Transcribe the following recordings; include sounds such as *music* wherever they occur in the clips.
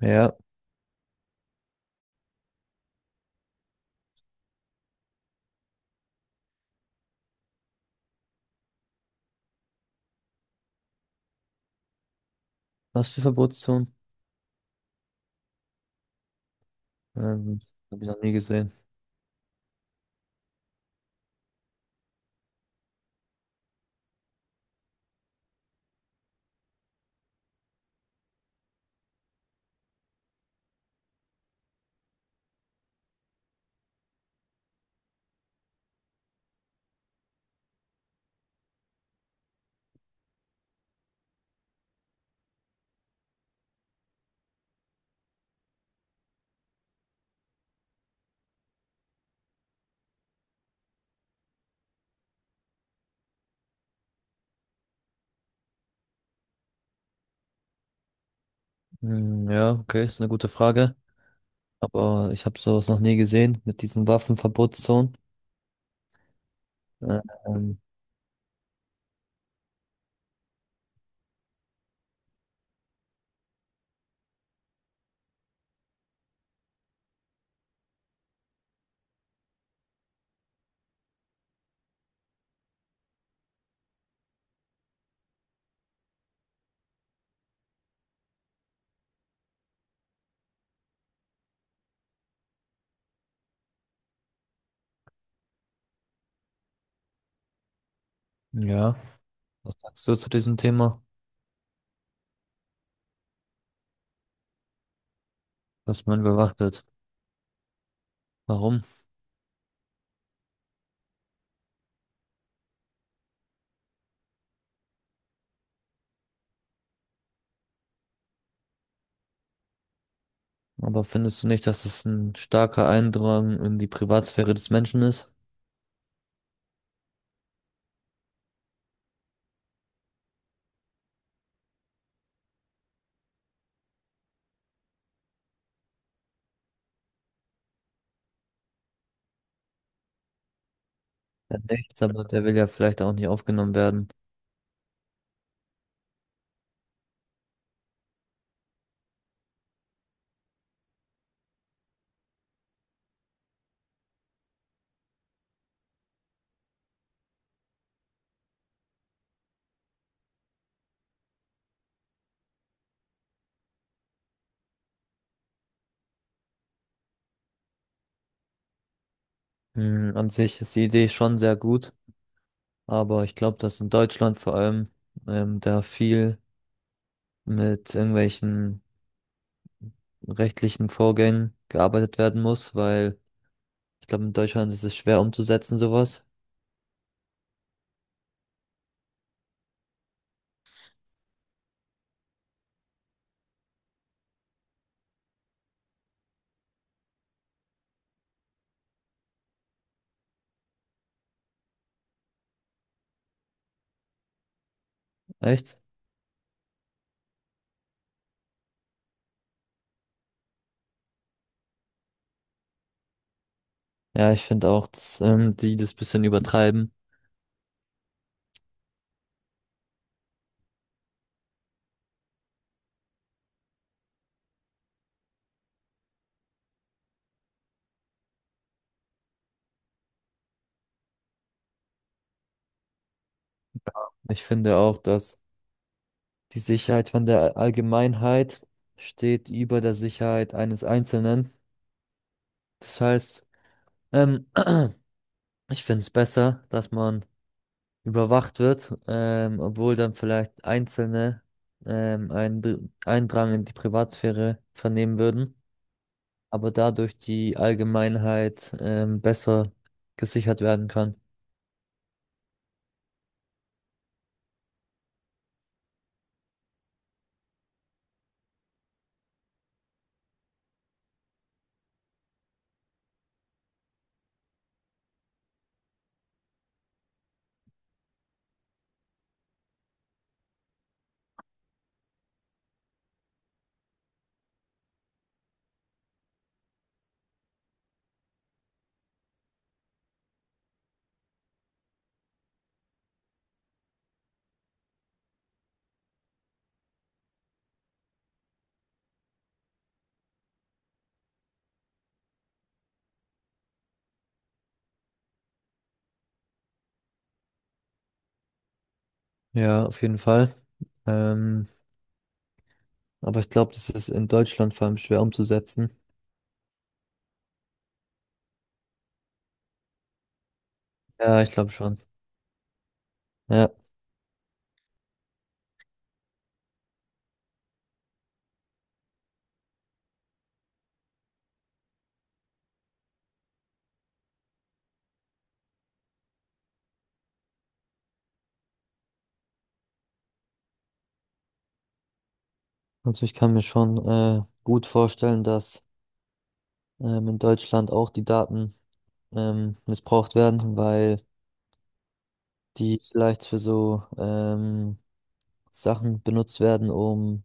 Ja, was für Verbotszonen? Ähm, habe ich noch nie gesehen. Hm, ja, okay, ist eine gute Frage. Aber ich habe sowas noch nie gesehen mit diesen Waffenverbotszonen. Ähm, ja, was sagst du zu diesem Thema, dass man überwacht wird? Warum? Aber findest du nicht, dass es ein starker Eindrang in die Privatsphäre des Menschen ist? Ja, nichts, aber der will ja vielleicht auch nicht aufgenommen werden. Hm, an sich ist die Idee schon sehr gut, aber ich glaube, dass in Deutschland vor allem da viel mit irgendwelchen rechtlichen Vorgängen gearbeitet werden muss, weil ich glaube, in Deutschland ist es schwer umzusetzen, sowas. Echt? Ja, ich finde auch, dass, die das bisschen übertreiben. Ich finde auch, dass die Sicherheit von der Allgemeinheit steht über der Sicherheit eines Einzelnen. Das heißt, ähm, *clears throat* ich finde es besser, dass man überwacht wird, obwohl dann vielleicht Einzelne ähm, einen Dr- Eindrang in die Privatsphäre vernehmen würden. Aber dadurch die Allgemeinheit besser gesichert werden kann. Ja, auf jeden Fall. Ähm, aber ich glaube, das ist in Deutschland vor allem schwer umzusetzen. Ja, ich glaube schon. Ja, also ich kann mir schon gut vorstellen, dass in Deutschland auch die Daten missbraucht werden, weil die vielleicht für so Sachen benutzt werden, um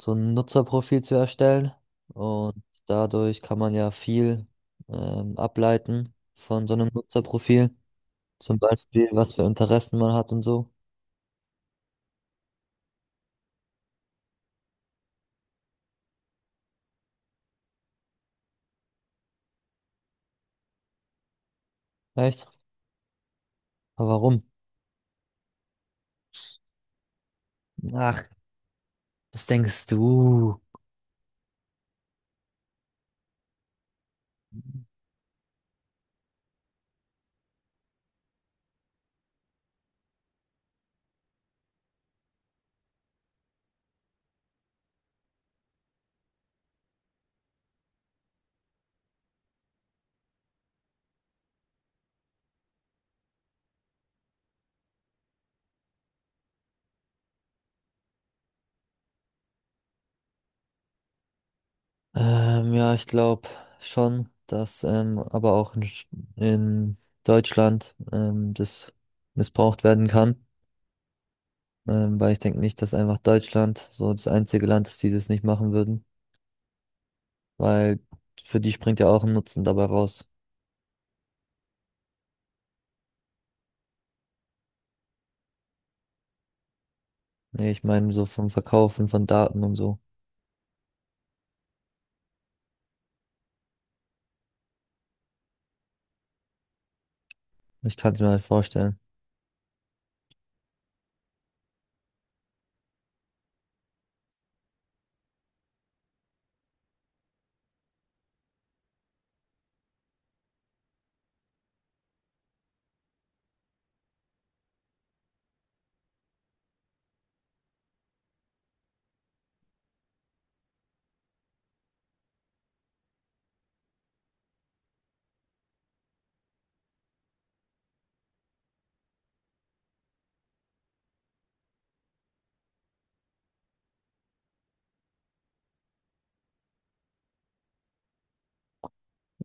so ein Nutzerprofil zu erstellen. Und dadurch kann man ja viel ableiten von so einem Nutzerprofil. Zum Beispiel, was für Interessen man hat und so. Echt? Aber warum? Ach, was denkst du? Ja, ich glaube schon, dass in Deutschland das missbraucht werden kann. Weil ich denke nicht, dass einfach Deutschland so das einzige Land ist, die das nicht machen würden. Weil für die springt ja auch ein Nutzen dabei raus. Nee, ich meine so vom Verkaufen von Daten und so. Ich kann es mir halt vorstellen.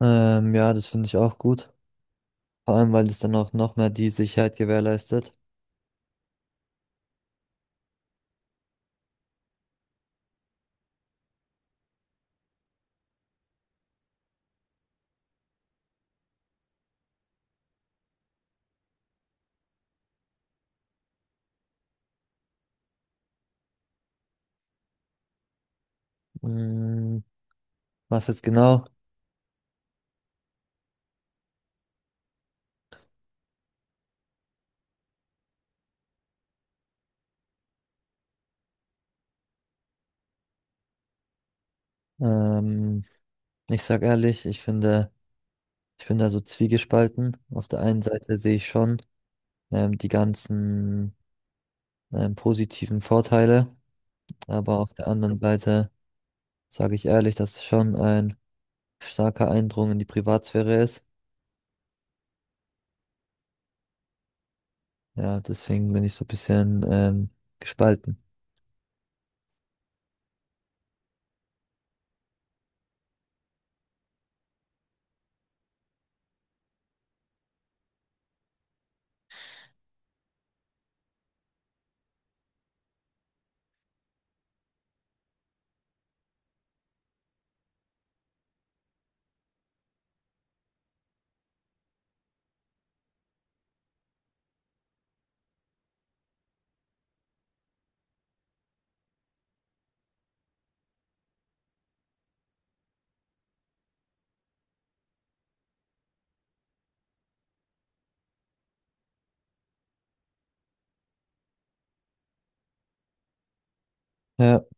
Ja, das finde ich auch gut. Vor allem, weil es dann auch noch mehr die Sicherheit gewährleistet. Mm, was jetzt genau? Ähm, ich sag ehrlich, ich finde, ich bin da so zwiegespalten. Auf der einen Seite sehe ich schon die ganzen positiven Vorteile, aber auf der anderen Seite sage ich ehrlich, dass es schon ein starker Eindrung in die Privatsphäre ist. Ja, deswegen bin ich so ein bisschen gespalten. Ja,